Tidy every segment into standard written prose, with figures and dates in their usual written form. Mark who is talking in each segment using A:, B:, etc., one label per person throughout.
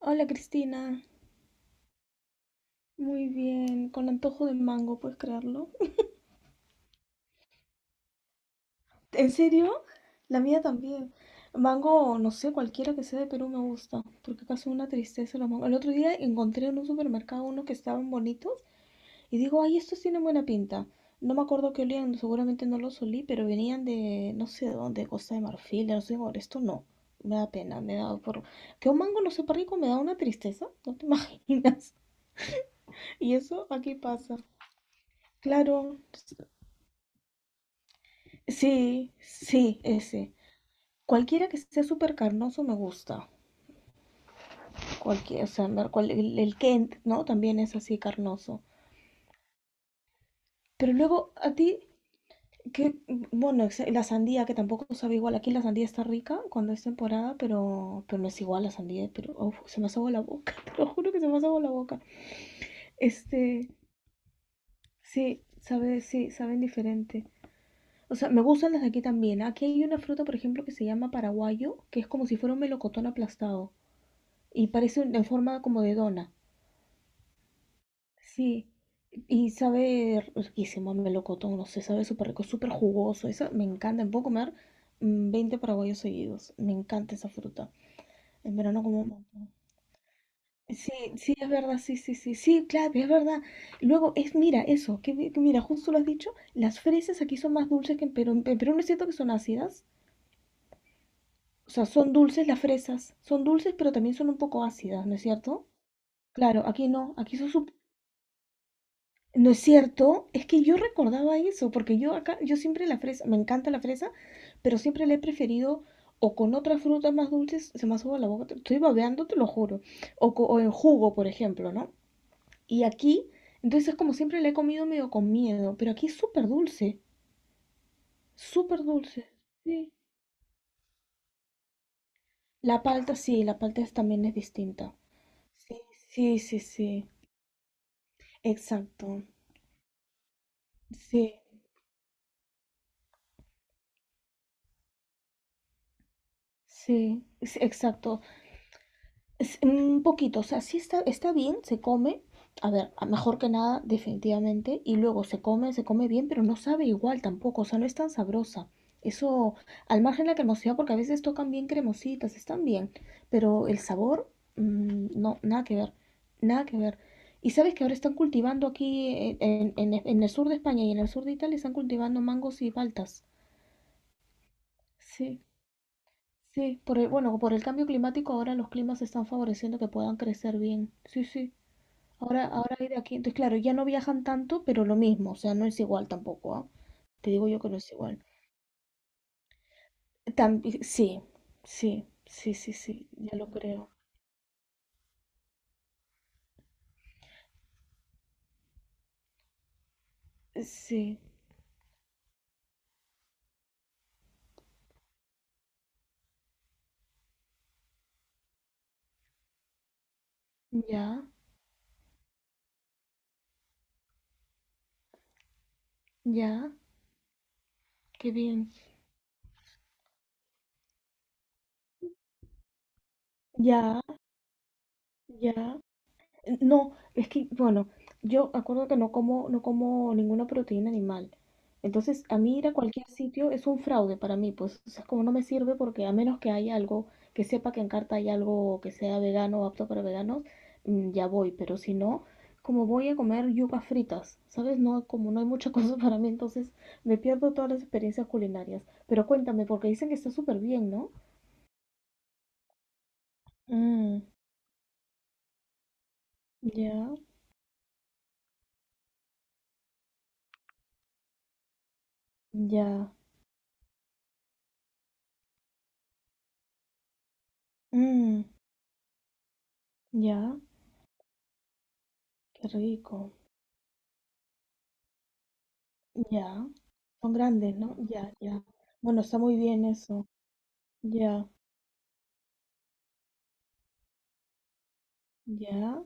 A: Hola, Cristina, muy bien, con antojo de mango, ¿puedes creerlo? ¿En serio? La mía también. Mango, no sé, cualquiera que sea de Perú me gusta, porque acá son una tristeza los mangos. El otro día encontré en un supermercado unos que estaban bonitos y digo, ay, estos tienen buena pinta. No me acuerdo qué olían, seguramente no los olí, pero venían de, no sé de dónde, Costa de Marfil, no sé, por esto no. Me da pena, me da por... Que un mango no sepa rico me da una tristeza, no te imaginas. Y eso aquí pasa. Claro, sí, sí, ese. Cualquiera que sea súper carnoso me gusta. Cualquier, o sea, el Kent, ¿no? También es así carnoso. Pero luego, a ti, que, bueno, la sandía que tampoco sabe igual. Aquí la sandía está rica cuando es temporada, pero no es igual la sandía. Pero, uf, se me hace agua la boca, te lo juro que se me hace agua la boca. Este, sí, sabe, sí, saben diferente. O sea, me gustan las de aquí también. Aquí hay una fruta, por ejemplo, que se llama paraguayo, que es como si fuera un melocotón aplastado. Y parece en forma como de dona. Sí. Y sabe riquísimo, melocotón, no sé, sabe súper rico, súper jugoso. Eso me encanta. Me puedo comer 20 paraguayos seguidos. Me encanta esa fruta. En verano como un montón. Sí, sí, es verdad, sí, sí, sí, sí, claro, es verdad. Luego, es, mira, eso, que, que mira, justo lo has dicho, las fresas aquí son más dulces que en Perú. En Perú no es cierto que son ácidas. O sea, son dulces las fresas. Son dulces, pero también son un poco ácidas, ¿no es cierto? Claro, aquí no, aquí son. ¿No es cierto? Es que yo recordaba eso, porque yo acá, yo siempre la fresa, me encanta la fresa, pero siempre la he preferido o con otras frutas más dulces, se me sube la boca, estoy babeando, te lo juro, o, o en jugo, por ejemplo, ¿no? Y aquí, entonces como siempre la he comido medio con miedo, pero aquí es súper dulce, súper dulce. Sí. La palta sí, también es distinta. Sí, sí, sí, sí, exacto. Sí, sí, sí, exacto. Es un poquito, o sea, sí está, está bien, se come. A ver, mejor que nada, definitivamente. Y luego se come bien, pero no sabe igual tampoco, o sea, no es tan sabrosa. Eso, al margen de la cremosidad, porque a veces tocan bien cremositas, están bien, pero el sabor, no, nada que ver, nada que ver. Y sabes que ahora están cultivando aquí en el sur de España y en el sur de Italia, están cultivando mangos y paltas. Sí, sí, bueno, por el cambio climático ahora los climas están favoreciendo que puedan crecer bien. Sí, sí. Ahora, ahora hay de aquí. Entonces, claro, ya no viajan tanto, pero lo mismo. O sea, no es igual tampoco, ¿ah? Te digo yo que no es igual. Sí, sí, sí, sí, sí, ya lo creo. Sí, ya, ya, qué bien. Ya, ya. No, es que, bueno, yo acuerdo que no como, no como ninguna proteína animal. Entonces, a mí ir a cualquier sitio es un fraude para mí, pues, o sea, como no me sirve porque a menos que haya algo, que sepa que en carta hay algo que sea vegano o apto para veganos, mm, ya voy, pero si no, como voy a comer yucas fritas, ¿sabes? No, como no hay mucha cosa para mí, entonces me pierdo todas las experiencias culinarias. Pero cuéntame, porque dicen que está súper bien, ¿no? Mm, ya, ya, mm, ya, qué rico. Ya, son grandes, ¿no? Ya, ya. Bueno, está muy bien eso. Ya, ya.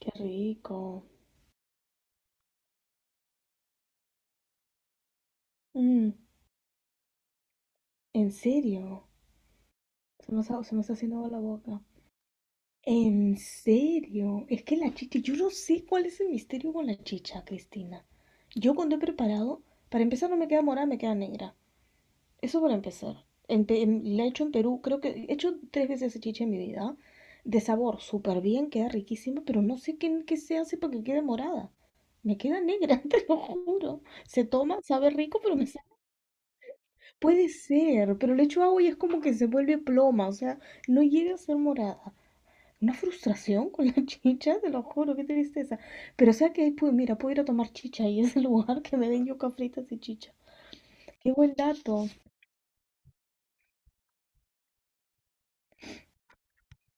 A: Qué rico. Mm, ¿en serio? Se me está haciendo agua la boca. ¿En serio? Es que la chicha, yo no sé cuál es el misterio con la chicha, Cristina. Yo cuando he preparado, para empezar no me queda morada, me queda negra. Eso para empezar. La he hecho en Perú, creo que he hecho 3 veces esa chicha en mi vida. De sabor, súper bien, queda riquísima, pero no sé qué, qué se hace para que quede morada. Me queda negra, te lo juro. Se toma, sabe rico, pero puede ser, pero le echo agua y es como que se vuelve ploma, o sea, no llega a ser morada. Una frustración con la chicha, te lo juro, qué tristeza. Pero o sea que ahí, pues mira, puedo ir a tomar chicha y es el lugar que me den yuca fritas y chicha. Qué buen dato.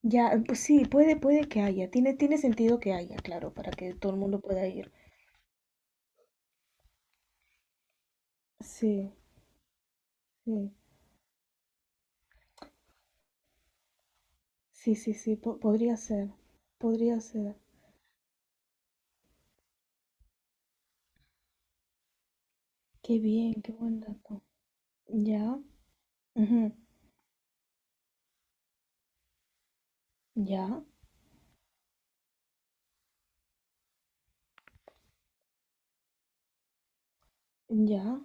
A: Ya, pues sí, puede, puede que haya. Tiene, tiene sentido que haya, claro, para que todo el mundo pueda ir. Sí, sí, sí, sí, sí, podría ser, podría ser. Qué bien, qué buen dato. Ya. Ujú. Ya, ya,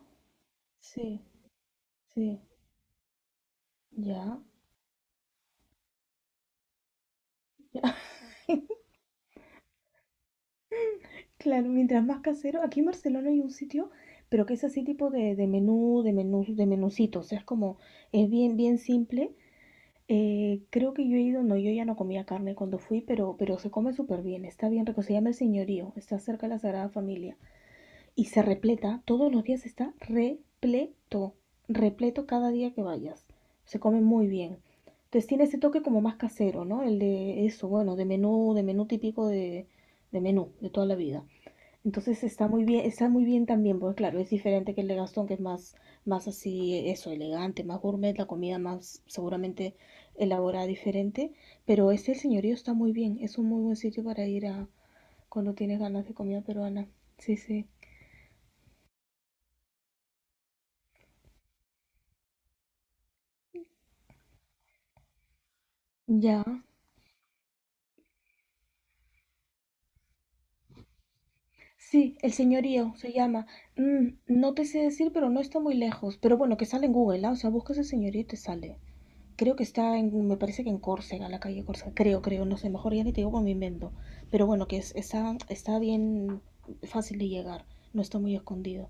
A: sí, sí, ya, ya. Claro, mientras más casero. Aquí en Barcelona hay un sitio, pero que es así tipo de, de menucito. O sea, es como, es bien, bien simple. Creo que yo he ido, no, yo ya no comía carne cuando fui, pero se come súper bien, está bien rico. Se llama El Señorío, está cerca de la Sagrada Familia. Y se repleta, todos los días está repleto, repleto cada día que vayas. Se come muy bien. Entonces tiene ese toque como más casero, ¿no? El de eso, bueno, de menú típico de menú, de toda la vida. Entonces está muy bien también, porque claro, es diferente que el de Gastón, que es más, más así, eso, elegante, más gourmet, la comida más seguramente elaborada diferente. Pero este el señorío está muy bien, es un muy buen sitio para ir a cuando tienes ganas de comida peruana. Sí, sí. Ya, sí, el señorío se llama. Mm, no te sé decir, pero no está muy lejos. Pero bueno, que sale en Google, ¿ah? O sea, buscas el señorío y te sale. Creo que está en, me parece que en Córcega, la calle Córcega. Creo, creo, no sé, mejor ya ni te digo por mi invento. Pero bueno, está, está bien fácil de llegar, no está muy escondido.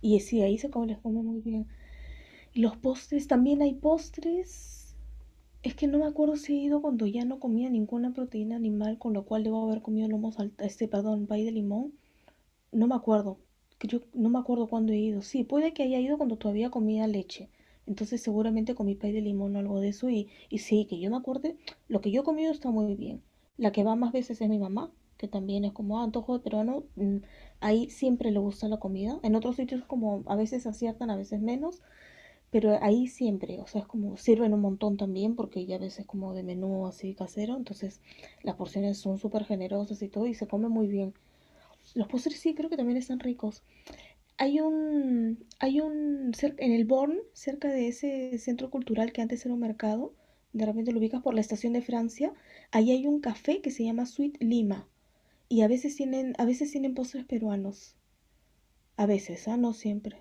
A: Y sí, ahí se come, les come muy bien. Y los postres, también hay postres. Es que no me acuerdo si he ido cuando ya no comía ninguna proteína animal, con lo cual debo haber comido perdón, pay de limón, no me acuerdo. Que yo no me acuerdo cuándo he ido. Sí, puede que haya ido cuando todavía comía leche. Entonces seguramente comí pay de limón o algo de eso. Y sí, que yo me acuerde, lo que yo he comido está muy bien. La que va más veces es mi mamá, que también es como ah, antojo de peruano. Mm, ahí siempre le gusta la comida. En otros sitios como a veces aciertan, a veces menos. Pero ahí siempre, o sea, es como sirven un montón también porque ya a veces como de menú así casero. Entonces las porciones son súper generosas y todo y se come muy bien. Los postres sí creo que también están ricos. Hay un, hay un, en el Born, cerca de ese centro cultural que antes era un mercado, de repente lo ubicas por la estación de Francia, ahí hay un café que se llama Sweet Lima y a veces tienen postres peruanos, a veces, ah, no siempre.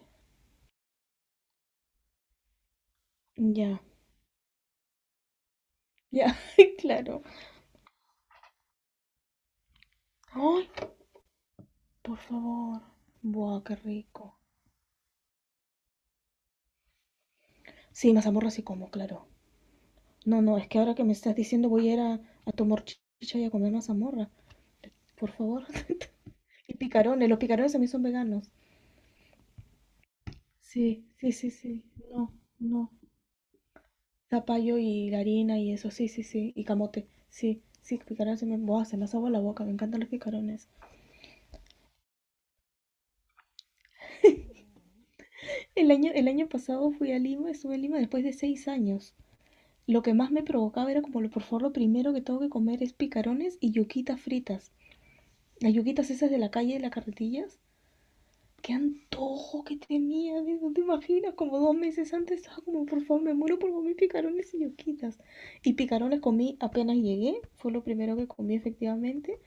A: Ya, ya, claro. Ay, por favor. Buah, qué rico. Sí, mazamorra sí como, claro. No, no, es que ahora que me estás diciendo voy a ir a tomar chicha y a comer mazamorra. Por favor. Y picarones, los picarones también son veganos. Sí, sí, sí, sí. No, no. Zapallo y la harina y eso, sí, sí, sí. Y camote, sí, sí, picarones se me, buah, se me hace agua la boca, me encantan los picarones. El año pasado fui a Lima, estuve en Lima después de 6 años. Lo que más me provocaba era como, por favor, lo primero que tengo que comer es picarones y yuquitas fritas. Las yuquitas esas de la calle, de la carretilla, qué antojo que tenía, no te imaginas, como 2 meses antes estaba como, por favor, me muero por comer picarones y yuquitas. Y picarones comí apenas llegué, fue lo primero que comí efectivamente.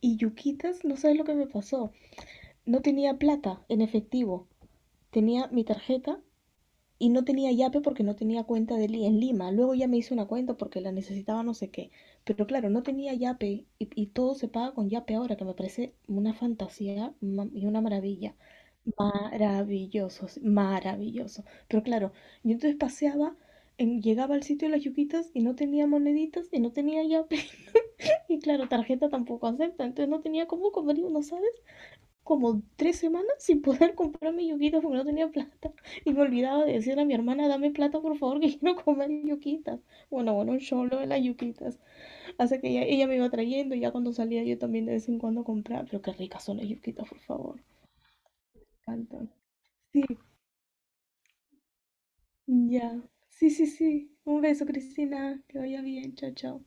A: Y yuquitas, no sabes lo que me pasó, no tenía plata en efectivo, tenía mi tarjeta y no tenía Yape porque no tenía cuenta de Li en Lima. Luego ya me hice una cuenta porque la necesitaba no sé qué. Pero claro, no tenía Yape y todo se paga con Yape ahora, que me parece una fantasía y una maravilla. Maravilloso, sí, maravilloso. Pero claro, yo entonces paseaba, llegaba al sitio de las yuquitas y no tenía moneditas y no tenía Yape. Y claro, tarjeta tampoco acepta, entonces no tenía cómo comer uno, ¿sabes? Como 3 semanas sin poder comprarme yuquitas porque no tenía plata. Y me olvidaba de decirle a mi hermana, dame plata por favor que quiero comer yuquitas. Bueno, bueno, yo lo de las yuquitas. Así que ella me iba trayendo y ya cuando salía yo también de vez en cuando compraba. Pero qué ricas son las yuquitas, por favor. Me encantan. Sí, ya. Sí, sí, sí. Un beso, Cristina. Que vaya bien. Chao, chao.